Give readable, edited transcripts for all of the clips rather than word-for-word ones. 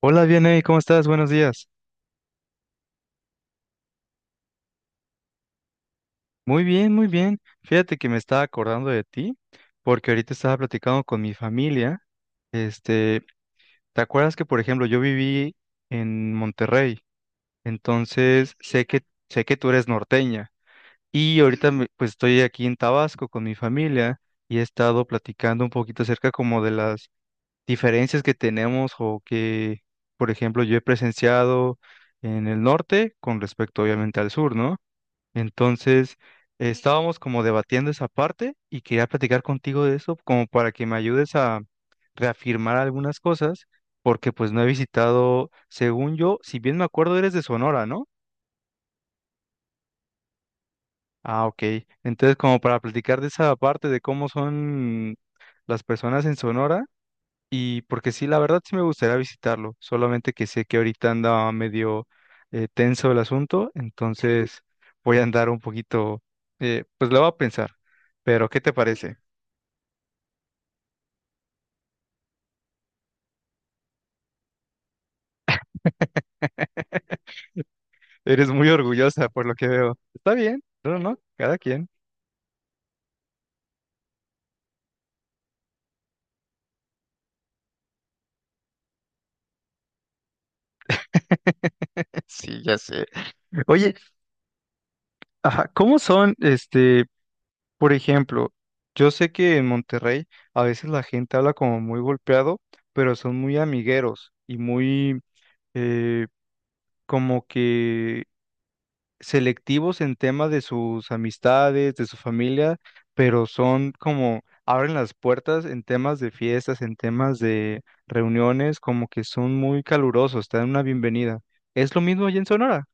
Hola, Vianey, ¿cómo estás? Buenos días. Muy bien, muy bien. Fíjate que me estaba acordando de ti, porque ahorita estaba platicando con mi familia. Este, ¿Te acuerdas que, por ejemplo, yo viví en Monterrey? Entonces, sé que tú eres norteña. Y ahorita, pues, estoy aquí en Tabasco con mi familia y he estado platicando un poquito acerca como de las diferencias que tenemos o que, por ejemplo, yo he presenciado en el norte con respecto, obviamente, al sur, ¿no? Entonces, estábamos como debatiendo esa parte y quería platicar contigo de eso como para que me ayudes a reafirmar algunas cosas, porque pues no he visitado, según yo, si bien me acuerdo, eres de Sonora, ¿no? Ah, ok. Entonces, como para platicar de esa parte de cómo son las personas en Sonora. Y porque sí, la verdad sí me gustaría visitarlo, solamente que sé que ahorita anda medio tenso el asunto, entonces voy a andar un poquito, pues lo voy a pensar, pero ¿qué te parece? Eres muy orgullosa por lo que veo. Está bien, no, no, no, cada quien. Sí, ya sé. Oye, ajá, ¿cómo son, por ejemplo, yo sé que en Monterrey a veces la gente habla como muy golpeado, pero son muy amigueros y eh, como que selectivos en tema de sus amistades, de su familia, pero son como abren las puertas en temas de fiestas, en temas de reuniones, como que son muy calurosos, te dan una bienvenida. ¿Es lo mismo allá en Sonora?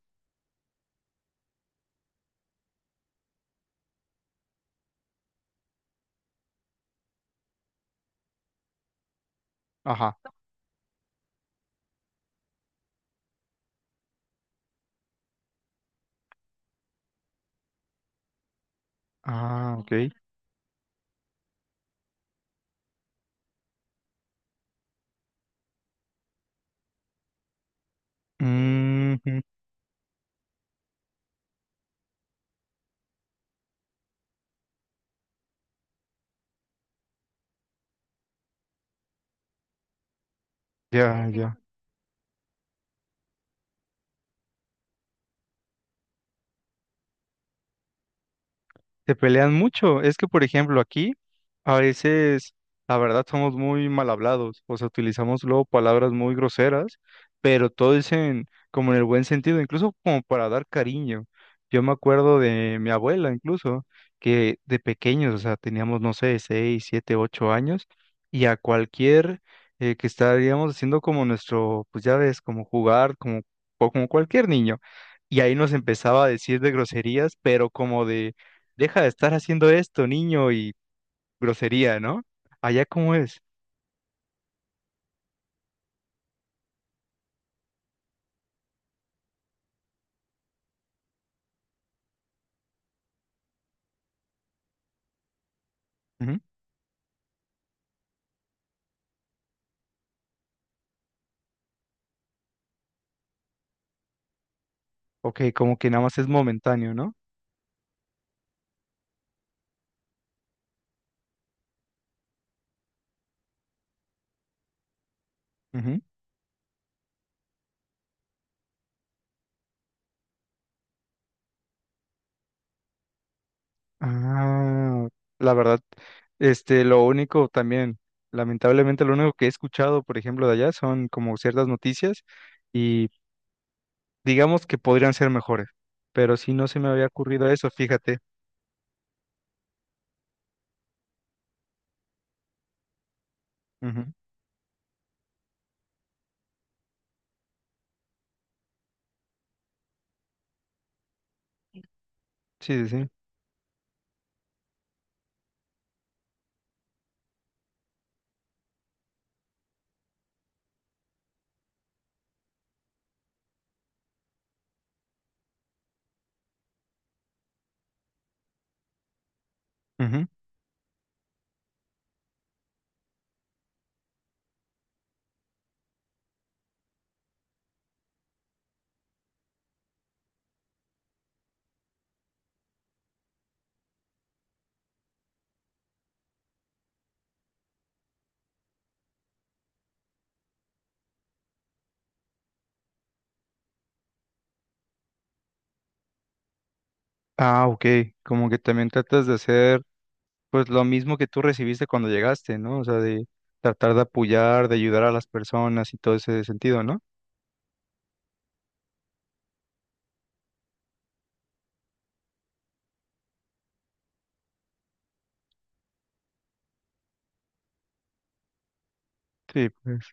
Ajá. Ah, ok. Mm, ya, ya. Se pelean mucho. Es que, por ejemplo, aquí a veces, la verdad, somos muy mal hablados. O sea, utilizamos luego palabras muy groseras, pero todo es en, como en el buen sentido, incluso como para dar cariño. Yo me acuerdo de mi abuela, incluso, que de pequeños, o sea, teníamos, no sé, seis, siete, ocho años, y a cualquier, que estaríamos haciendo como nuestro, pues ya ves, como jugar, como, o como cualquier niño. Y ahí nos empezaba a decir de groserías, pero como de deja de estar haciendo esto, niño, y grosería, ¿no? Allá cómo es. Ujú. Ok, como que nada más es momentáneo, ¿no? Ujú. Ah, la verdad, lo único también, lamentablemente lo único que he escuchado, por ejemplo, de allá son como ciertas noticias y digamos que podrían ser mejores, pero si no se me había ocurrido eso, fíjate. Ujú. Sí, sí, sí. Ujú. Ah, ok, como que también tratas de hacer pues lo mismo que tú recibiste cuando llegaste, ¿no? O sea, de tratar de apoyar, de ayudar a las personas y todo ese sentido, ¿no? Sí, pues.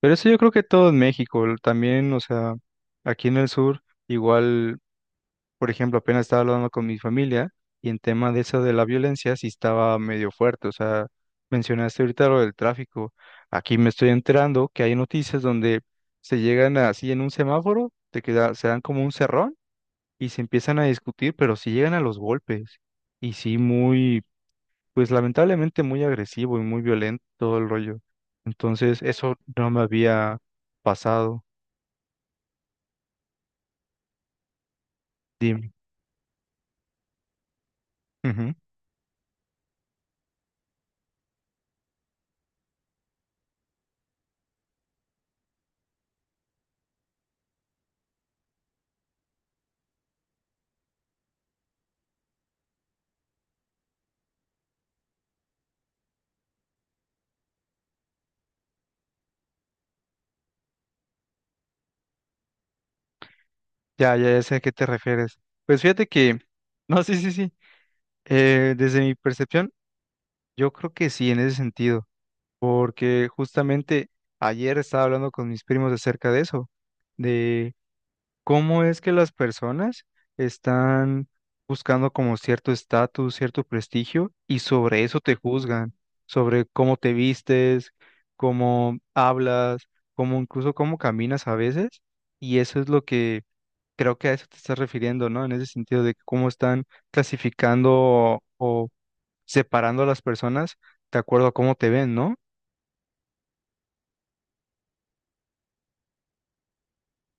Pero eso yo creo que todo en México, también, o sea, aquí en el sur, igual, por ejemplo, apenas estaba hablando con mi familia y en tema de eso de la violencia sí estaba medio fuerte, o sea, mencionaste ahorita lo del tráfico. Aquí me estoy enterando que hay noticias donde se llegan así en un semáforo, de que se dan como un cerrón y se empiezan a discutir, pero si llegan a los golpes. Y sí, muy, pues lamentablemente muy agresivo y muy violento todo el rollo. Entonces, eso no me había pasado. Dime. Ujú. Ya, ya, ya sé a qué te refieres. Pues fíjate que, no, sí, sí, sí. Desde mi percepción, yo creo que sí, en ese sentido, porque justamente ayer estaba hablando con mis primos acerca de eso, de cómo es que las personas están buscando como cierto estatus, cierto prestigio, y sobre eso te juzgan, sobre cómo te vistes, cómo hablas, cómo incluso cómo caminas a veces, y eso es lo que creo que a eso te estás refiriendo, ¿no? En ese sentido de cómo están clasificando o separando a las personas de acuerdo a cómo te ven, ¿no?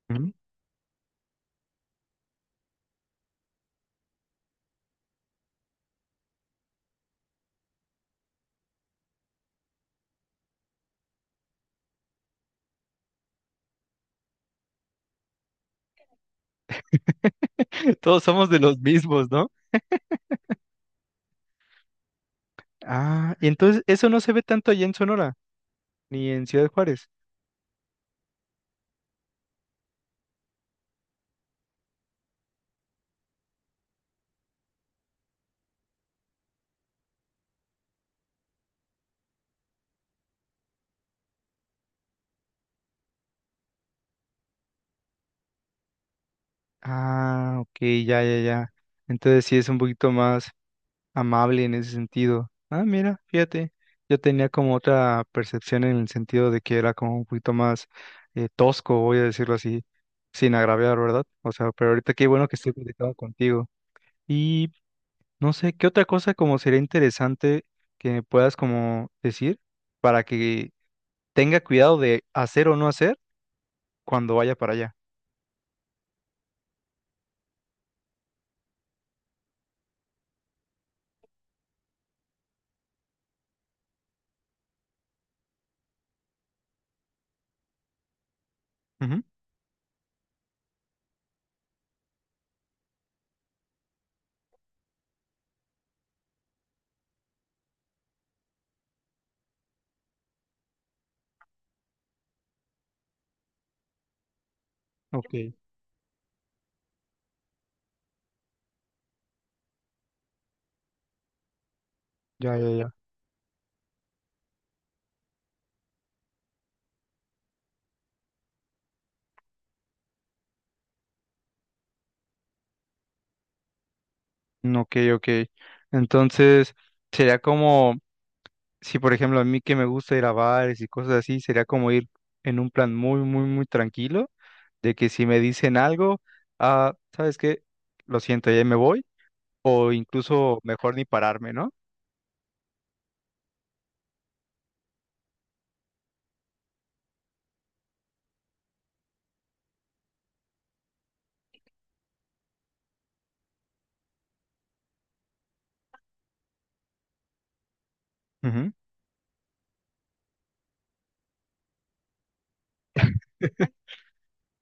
Ujú. Todos somos de los mismos, ¿no? Ah, y entonces eso no se ve tanto allá en Sonora, ni en Ciudad Juárez. Ah, ok, ya, ya, ya. Entonces sí es un poquito más amable en ese sentido. Ah, mira, fíjate, yo tenía como otra percepción en el sentido de que era como un poquito más tosco, voy a decirlo así, sin agraviar, ¿verdad? O sea, pero ahorita qué bueno que estoy platicando contigo. Y no sé, ¿qué otra cosa como sería interesante que me puedas como decir para que tenga cuidado de hacer o no hacer cuando vaya para allá? Ujú. Ok, ya, ya, ya. Ok, ok. Entonces, sería como, si por ejemplo a mí que me gusta ir a bares y cosas así, sería como ir en un plan muy, muy, muy tranquilo, de que si me dicen algo, ah, ¿sabes qué? Lo siento, ya me voy, o incluso mejor ni pararme, ¿no? Ujú.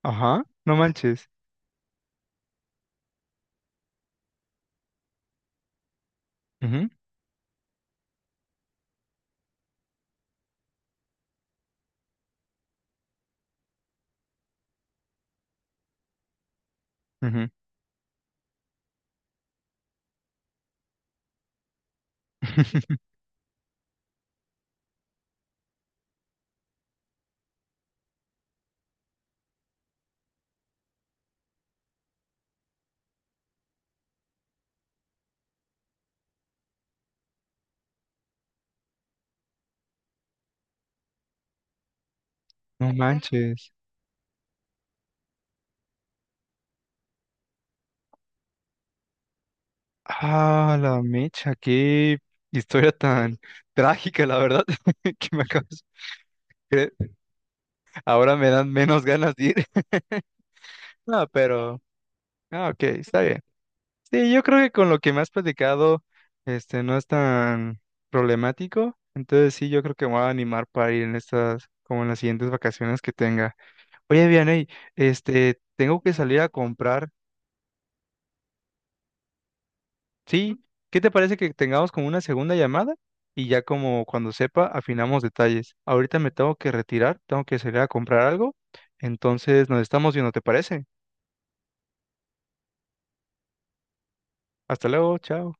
Ajá, no manches. Ujú, ujú. No manches. Ah, la mecha, qué historia tan trágica, la verdad, que me acabas. Ahora me dan menos ganas de ir. No, pero, ah, ok, está bien. Sí, yo creo que con lo que me has platicado, no es tan problemático. Entonces sí, yo creo que me voy a animar para ir en estas, como en las siguientes vacaciones que tenga. Oye, Vianey, tengo que salir a comprar. Sí, ¿qué te parece que tengamos como una segunda llamada? Y ya como cuando sepa, afinamos detalles. Ahorita me tengo que retirar, tengo que salir a comprar algo. Entonces nos estamos viendo, ¿te parece? Hasta luego, chao.